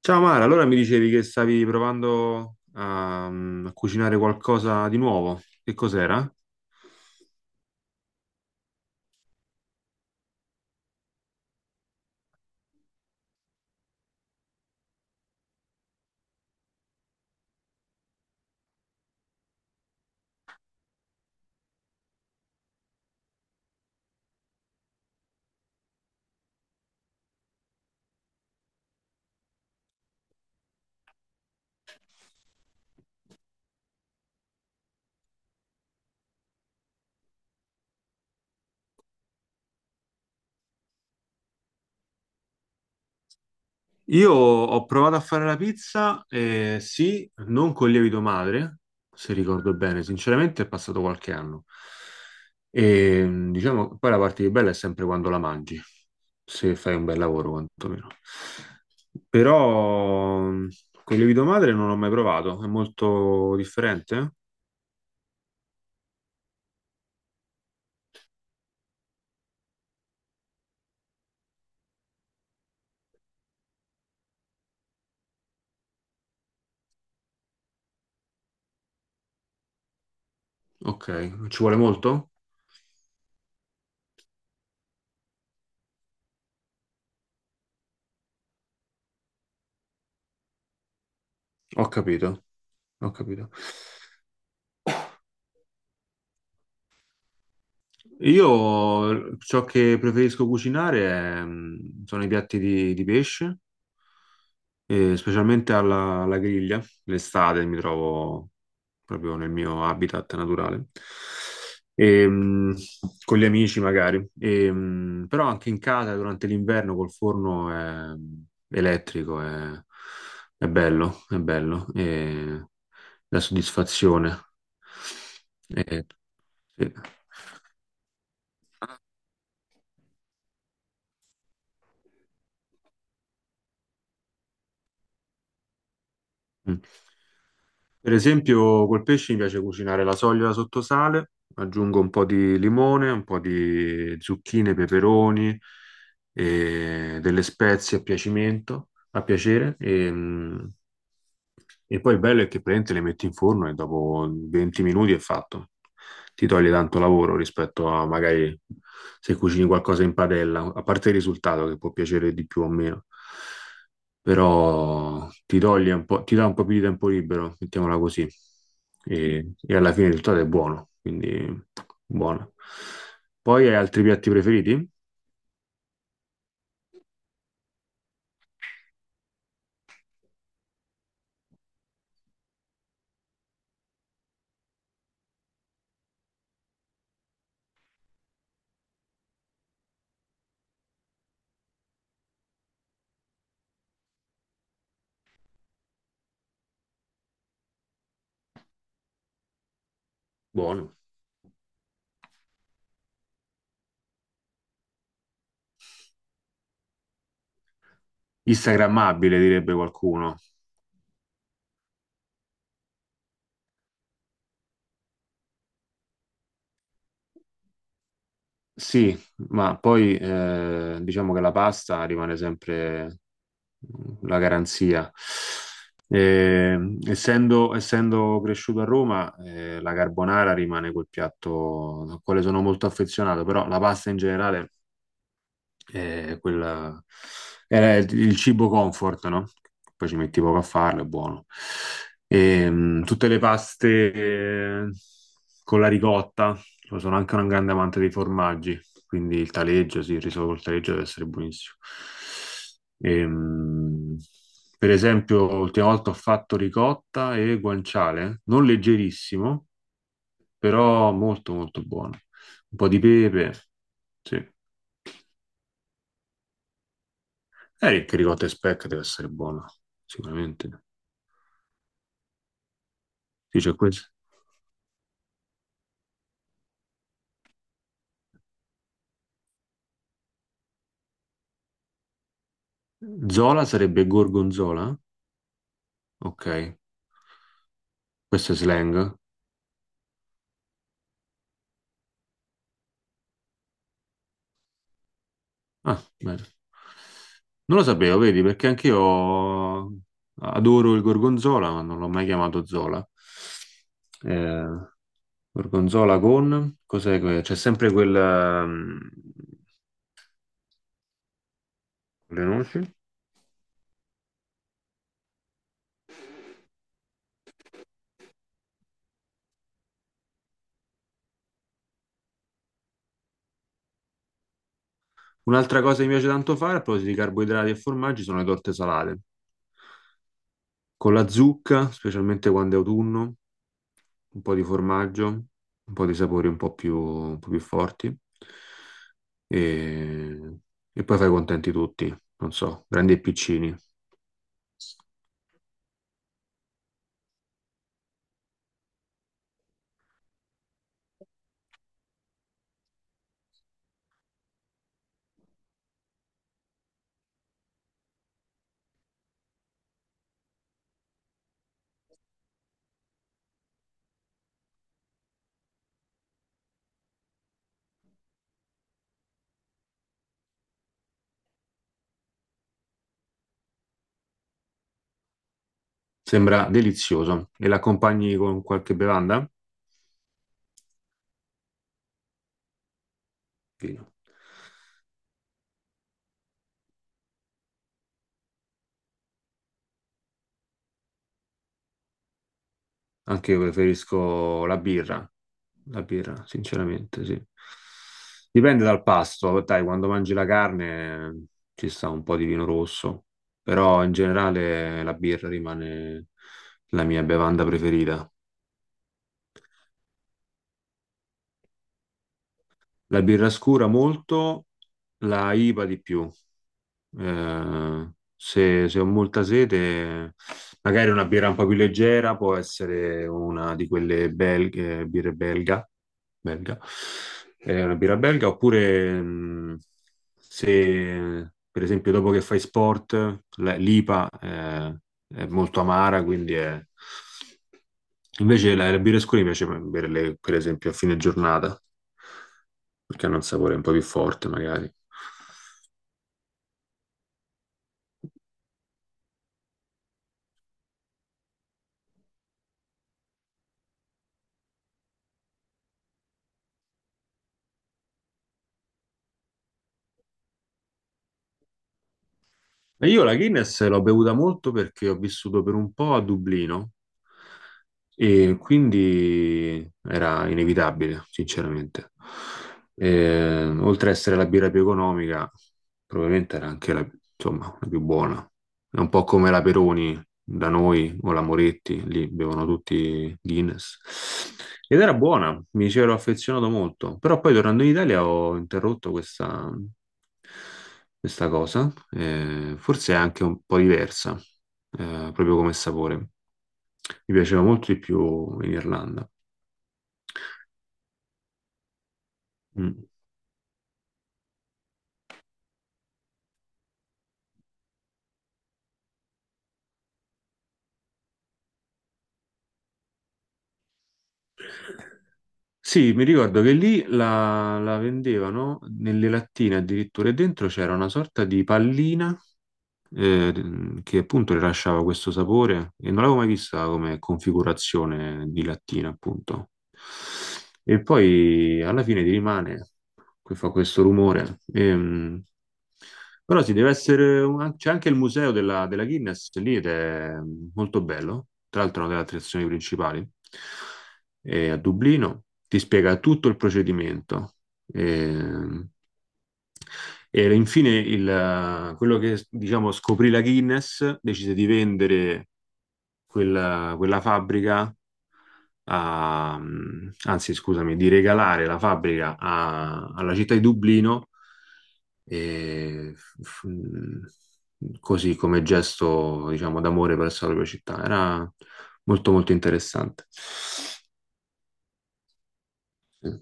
Ciao Mara, allora mi dicevi che stavi provando a cucinare qualcosa di nuovo. Che cos'era? Io ho provato a fare la pizza, sì, non col lievito madre, se ricordo bene, sinceramente è passato qualche anno. E diciamo, poi la parte più bella è sempre quando la mangi, se fai un bel lavoro quantomeno. Però col lievito madre non l'ho mai provato, è molto differente? Ok, ci vuole molto? Ho capito. Ho capito. Io ciò che preferisco cucinare sono i piatti di pesce, e specialmente alla griglia. L'estate mi trovo proprio nel mio habitat naturale. E, mm, con gli amici magari. Però anche in casa durante l'inverno col forno elettrico è bello, è bello. E la soddisfazione. E- sì. mm. Per esempio, col pesce mi piace cucinare la soglia sotto sale, aggiungo un po' di limone, un po' di zucchine, peperoni e delle spezie a piacimento, a piacere. E poi il bello è che praticamente le metti in forno e dopo 20 minuti è fatto. Ti toglie tanto lavoro rispetto a magari se cucini qualcosa in padella, a parte il risultato che può piacere di più o meno, però ti toglie un po', ti dà un po' più di tempo libero, mettiamola così. E alla fine il risultato è buono, quindi buono. Poi hai altri piatti preferiti? Buono. Instagrammabile, direbbe qualcuno. Sì, ma poi diciamo che la pasta rimane sempre la garanzia. Eh, essendo cresciuto a Roma, la carbonara rimane quel piatto al quale sono molto affezionato, però la pasta in generale eh, quella- era il cibo comfort, no? Poi ci metti poco a farlo, è buono. Tutte le paste con la ricotta. Io sono anche un grande amante dei formaggi, quindi il taleggio, sì, il riso col taleggio deve essere buonissimo. Ehm, per esempio, l'ultima volta ho fatto ricotta e guanciale, non leggerissimo, però molto molto buono. Un po' di pepe, sì. Eric, ricotta e speck deve essere buona, sicuramente. Sì, c'è questo. Zola sarebbe gorgonzola? Ok, questo è slang. Ah, bene. Non lo sapevo, vedi, perché anch'io adoro il gorgonzola, ma non l'ho mai chiamato Zola. Eh, gorgonzola con... Cos'è? C'è sempre quel... le noci. Un'altra cosa che mi piace tanto fare, a proposito di carboidrati e formaggi, sono le torte salate. Con la zucca, specialmente quando è autunno, un po' di formaggio, un po' di sapori un po' più forti e, e poi fai contenti tutti, non so, grandi e piccini. Sembra delizioso e l'accompagni con qualche bevanda? Vino. Anche io preferisco la birra, sinceramente, sì. Dipende dal pasto, dai, quando mangi la carne ci sta un po' di vino rosso, però in generale la birra rimane la mia bevanda preferita. La birra scura molto, la IVA di più. Eh, se ho molta sete, magari una birra un po' più leggera può essere una di quelle belghe, belga, una birra belga, oppure se per esempio dopo che fai sport, l'IPA è molto amara, quindi è... Invece la birra scura mi piace berle, per esempio, a fine giornata, perché hanno un sapore un po' più forte, magari. E io la Guinness l'ho bevuta molto perché ho vissuto per un po' a Dublino e quindi era inevitabile, sinceramente. E, oltre a essere la birra più economica, probabilmente era anche la, insomma, la più buona. È un po' come la Peroni da noi o la Moretti, lì bevono tutti Guinness. Ed era buona, mi ci ero affezionato molto, però poi tornando in Italia ho interrotto questa, questa cosa, forse è anche un po' diversa, proprio come sapore. Mi piaceva molto di più in Irlanda. Mm. Sì, mi ricordo che lì la vendevano nelle lattine addirittura e dentro c'era una sorta di pallina che appunto rilasciava questo sapore e non l'avevo mai vista come configurazione di lattina, appunto. E poi alla fine ti rimane, che fa questo rumore. Però sì, deve essere c'è anche il museo della Guinness lì, ed è molto bello, tra l'altro è una delle attrazioni principali a Dublino, ti spiega tutto il procedimento. Eh, e infine quello che diciamo scoprì la Guinness, decise di vendere quella fabbrica, a- anzi scusami, di regalare la fabbrica alla città di Dublino, eh, f- così come gesto diciamo d'amore verso la propria città. Era molto molto interessante. Sì.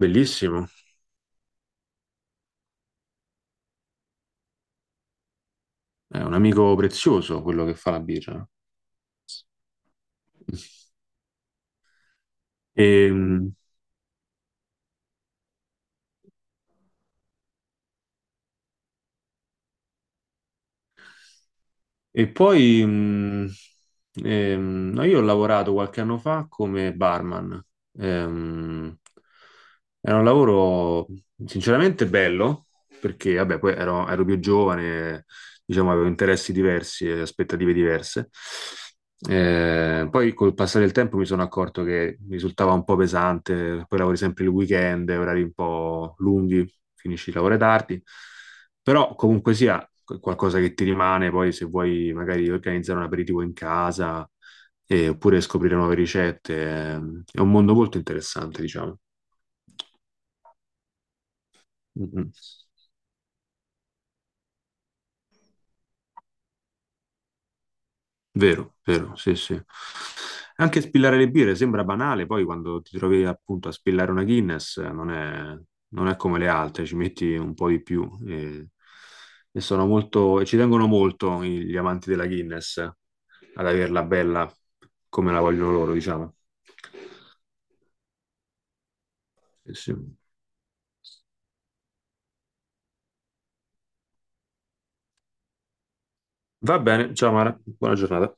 Bellissimo. È un amico prezioso quello che fa la birra. E, e poi no, io ho lavorato qualche anno fa come barman. Ehm, Era un lavoro sinceramente bello, perché vabbè, poi ero più giovane, diciamo, avevo interessi diversi e aspettative diverse. Poi col passare del tempo mi sono accorto che mi risultava un po' pesante, poi lavori sempre il weekend, orari un po' lunghi, finisci il lavoro tardi, però comunque sia qualcosa che ti rimane, poi se vuoi magari organizzare un aperitivo in casa oppure scoprire nuove ricette, è un mondo molto interessante, diciamo. Mm, mm. Vero, vero, sì, sì. Anche spillare le birre sembra banale, poi quando ti trovi appunto a spillare una Guinness non è come le altre, ci metti un po' di più e sono molto, e ci tengono molto gli amanti della Guinness ad averla bella come la vogliono loro, diciamo. Sì, sì. Va bene, ciao Mara, buona giornata.